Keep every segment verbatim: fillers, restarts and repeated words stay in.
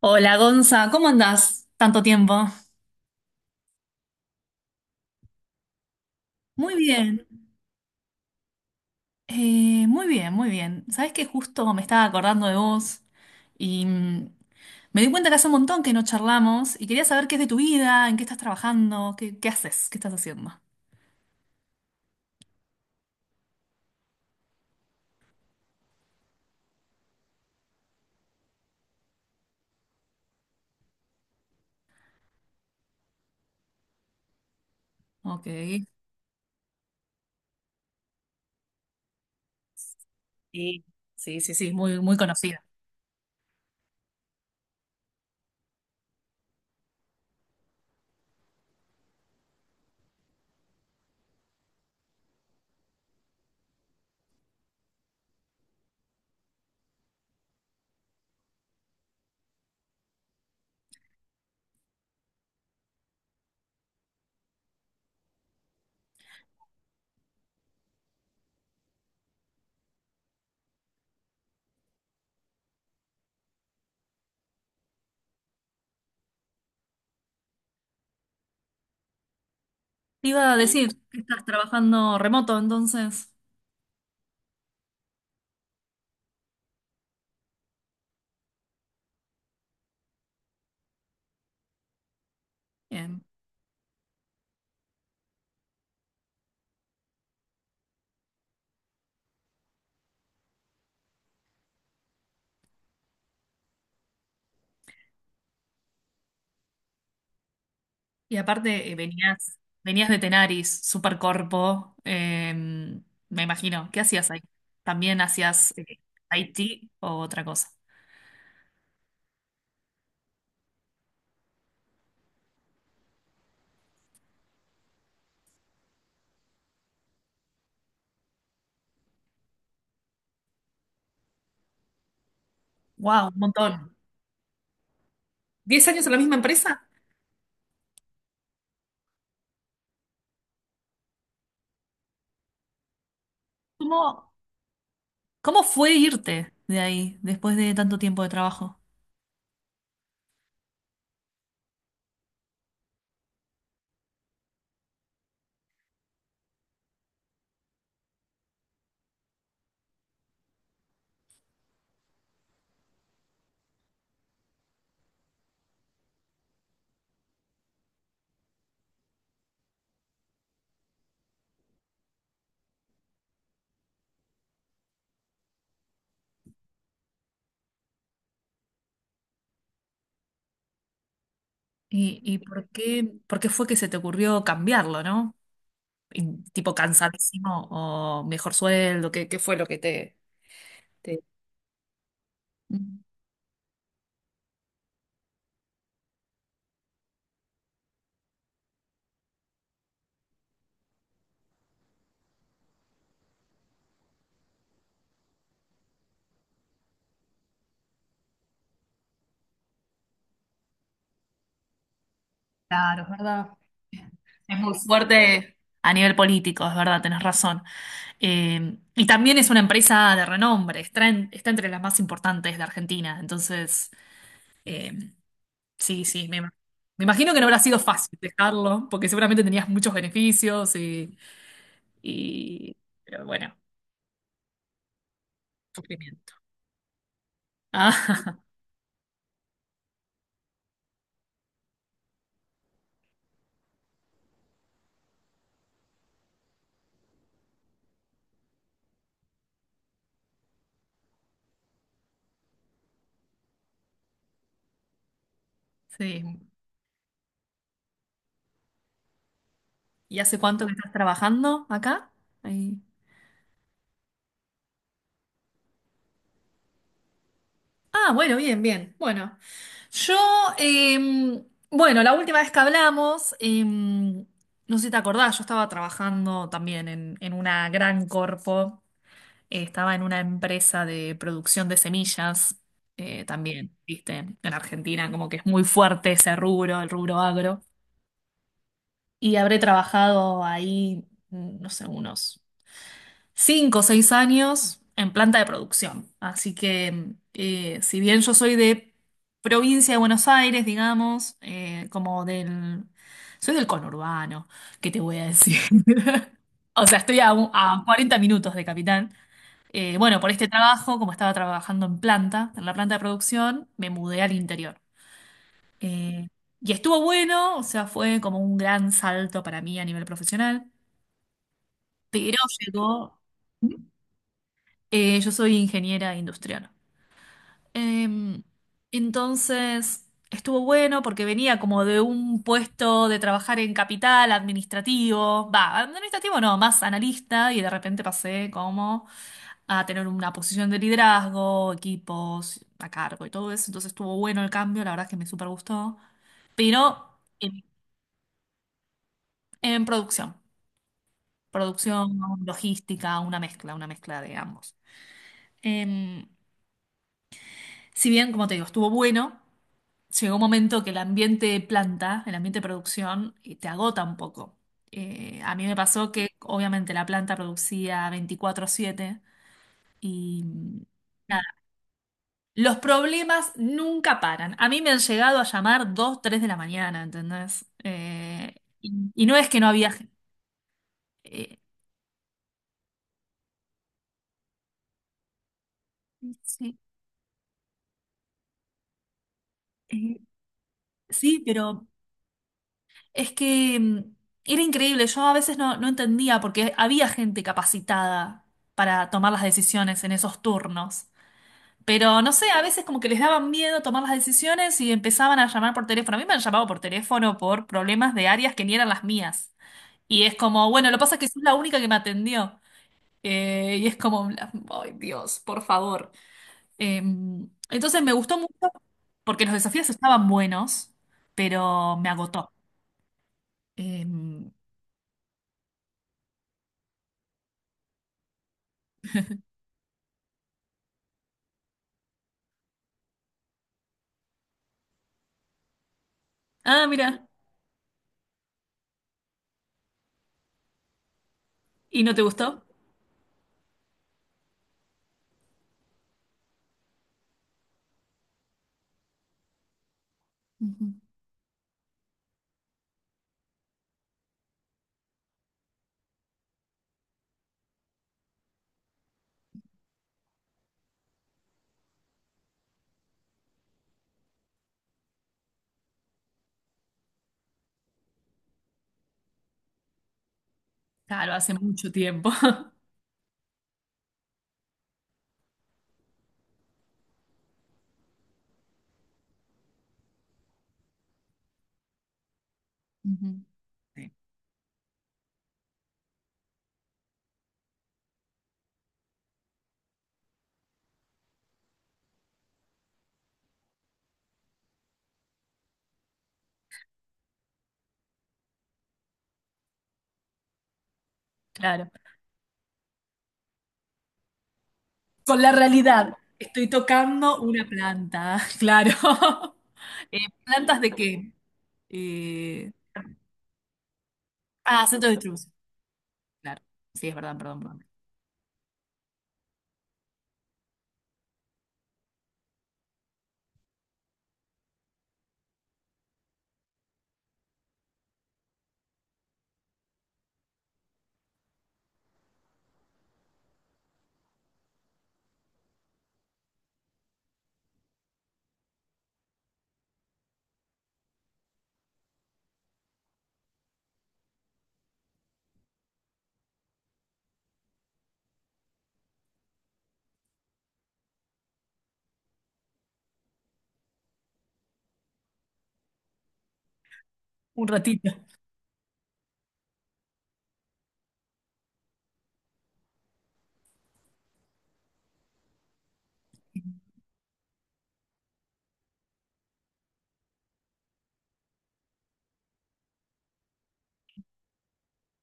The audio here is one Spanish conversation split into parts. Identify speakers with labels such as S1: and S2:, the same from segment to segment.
S1: Hola Gonza, ¿cómo andás? Tanto tiempo. Muy bien, eh, muy bien, muy bien. Sabés que justo me estaba acordando de vos y mm, me di cuenta que hace un montón que no charlamos y quería saber qué es de tu vida, en qué estás trabajando, qué, qué haces, qué estás haciendo. Ok. Sí, sí, sí, sí, muy, muy conocida. Te iba a decir que estás trabajando remoto, entonces. Bien. Y aparte eh, venías, venías de Tenaris, Supercorpo, eh, me imagino. ¿Qué hacías ahí? ¿También hacías eh, I T o otra cosa? ¡Wow! Un montón. ¿Diez años en la misma empresa? ¿Cómo, cómo fue irte de ahí después de tanto tiempo de trabajo? ¿Y, y por qué, por qué fue que se te ocurrió cambiarlo, no? Y, tipo cansadísimo o mejor sueldo, ¿qué, qué fue lo que te, te... Claro, es verdad. Es muy fuerte a nivel político, es verdad, tenés razón. Eh, y también es una empresa de renombre, está, en- está entre las más importantes de Argentina. Entonces, eh, sí, sí, me, ima- me imagino que no habrá sido fácil dejarlo, porque seguramente tenías muchos beneficios y, y- pero bueno, sufrimiento. Ah, sí. ¿Y hace cuánto que estás trabajando acá? Ahí. Ah, bueno, bien, bien. Bueno. Yo, em, bueno, la última vez que hablamos, em, no sé si te acordás, yo estaba trabajando también en, en una gran corpo, eh, estaba en una empresa de producción de semillas, eh, también, viste, en Argentina como que es muy fuerte ese rubro, el rubro agro, y habré trabajado ahí, mm, no sé, unos cinco o seis años en planta de producción. Así que eh, si bien yo soy de provincia de Buenos Aires, digamos, eh, como del... Soy del conurbano, ¿qué te voy a decir? O sea, estoy a, un- a cuarenta minutos de Capital. Eh, bueno, por este trabajo, como estaba trabajando en planta, en la planta de producción, me mudé al interior. Eh, y estuvo bueno, o sea, fue como un gran salto para mí a nivel profesional, pero llegó... Eh, yo soy ingeniera industrial. Em, entonces, estuvo bueno porque venía como de un puesto de trabajar en capital administrativo, va, administrativo no, más analista y de repente pasé como a tener una posición de liderazgo, equipos a cargo y todo eso. Entonces estuvo bueno el cambio, la verdad es que me súper gustó, pero en, en producción, producción, logística, una mezcla, una mezcla de ambos. Em, si bien, como te digo, estuvo bueno. Llegó un momento que el ambiente de planta, el ambiente de producción, eh, te agota un poco. Eh, a mí me pasó que obviamente la planta producía veinticuatro siete y mm, nada, los problemas nunca paran. A mí me han llegado a llamar dos tres de la mañana, ¿entendés? Eh, y, y no es que no había... gen- eh, sí, eh, sí, pero es que mm, era increíble. Yo a veces no, no entendía porque había gente capacitada para tomar las decisiones en esos turnos. Pero no sé, a veces como que les daban miedo tomar las decisiones y empezaban a llamar por teléfono. A mí me han llamado por teléfono por problemas de áreas que ni eran las mías. Y es como, bueno, lo que pasa es que sos la única que me atendió. Eh, y es como, ay Dios, por favor. Eh, entonces me gustó mucho porque los desafíos estaban buenos, pero me agotó. Eh, ah, mira, ¿y no te gustó? Ujú. Claro, hace mucho tiempo. Ujú. Sí, claro. Con la realidad, estoy tocando una planta, claro. Eh, ¿plantas de qué? Eh, ah, centro de distribución, claro. Sí, es verdad, perdón, perdón. Un ratito.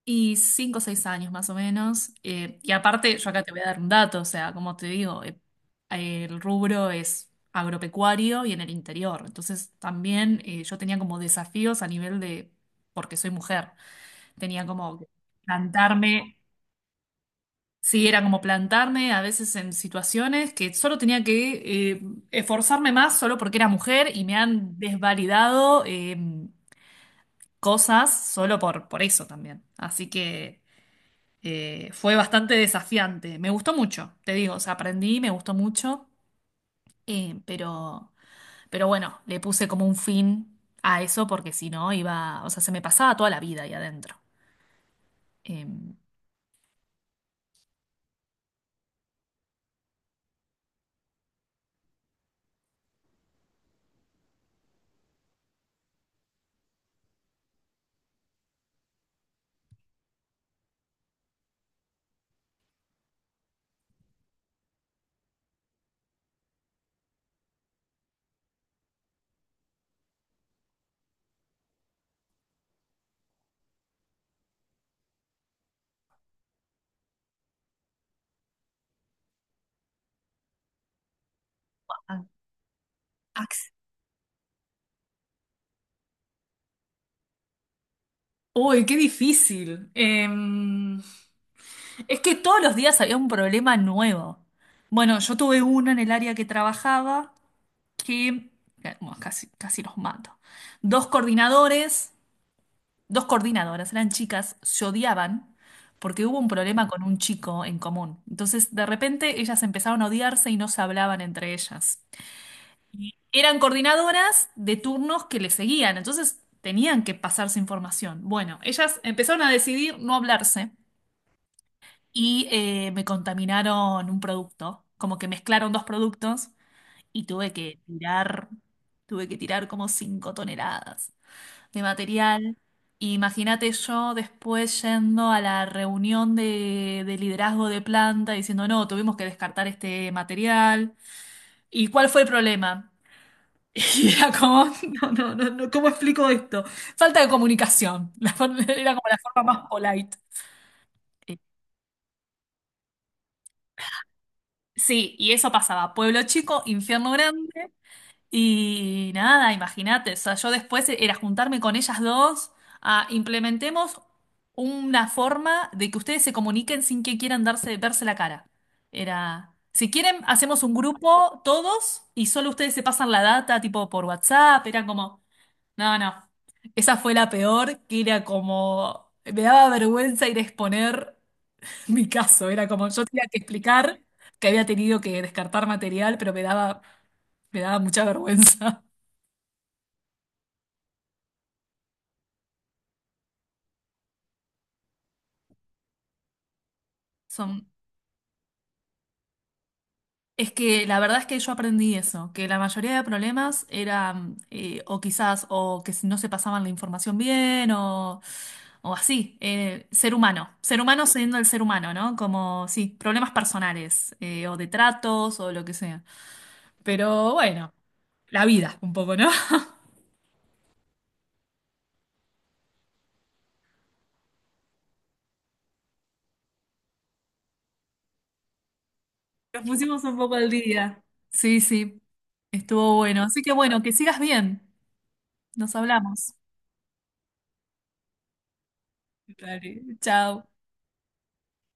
S1: Y cinco o seis años más o menos. Eh, y aparte, yo acá te voy a dar un dato, o sea, como te digo, eh, el rubro es agropecuario y en el interior. Entonces, también eh, yo tenía como desafíos a nivel de, porque soy mujer, tenía como que plantarme. Sí, era como plantarme a veces en situaciones que solo tenía que eh, esforzarme más solo porque era mujer y me han desvalidado eh, cosas solo por, por eso también. Así que eh, fue bastante desafiante. Me gustó mucho, te digo, o sea, aprendí, me gustó mucho, eh, pero, pero bueno, le puse como un fin a eso porque si no iba, o sea, se me pasaba toda la vida ahí adentro. Em, ac- Uy, qué difícil. Em, es que todos los días había un problema nuevo. Bueno, yo tuve uno en el área que trabajaba que, bueno, casi, casi los mato. Dos coordinadores, dos coordinadoras, eran chicas, se odiaban porque hubo un problema con un chico en común. Entonces, de repente, ellas empezaron a odiarse y no se hablaban entre ellas. Eran coordinadoras de turnos que le seguían, entonces tenían que pasarse información. Bueno, ellas empezaron a decidir no hablarse. Y eh, me contaminaron un producto, como que mezclaron dos productos y tuve que tirar, tuve que tirar como cinco toneladas de material. Imagínate yo después yendo a la reunión de, de liderazgo de planta diciendo, no, tuvimos que descartar este material. ¿Y cuál fue el problema? Y era como, no, no, no, no, ¿cómo explico esto? Falta de comunicación. La forma- era como la forma más polite. Sí, y eso pasaba. Pueblo chico, infierno grande. Y nada, imagínate. O sea, yo después era juntarme con ellas dos a implementemos una forma de que ustedes se comuniquen sin que quieran darse, verse la cara. Era, si quieren, hacemos un grupo todos y solo ustedes se pasan la data, tipo por WhatsApp. Era como, no, no. Esa fue la peor, que era como, me daba vergüenza ir a exponer. Mi caso era como yo tenía que explicar que había tenido que descartar material, pero me daba, me daba mucha vergüenza. Son, es que la verdad es que yo aprendí eso, que la mayoría de problemas eran eh, o quizás o que si no se pasaban la información bien o, o así, eh, ser humano, ser humano siendo el ser humano, ¿no? Como, sí, problemas personales eh, o de tratos o lo que sea. Pero bueno, la vida un poco, ¿no? Nos pusimos un poco al día. Sí, sí, estuvo bueno. Así que bueno, que sigas bien. Nos hablamos. Dale, chao.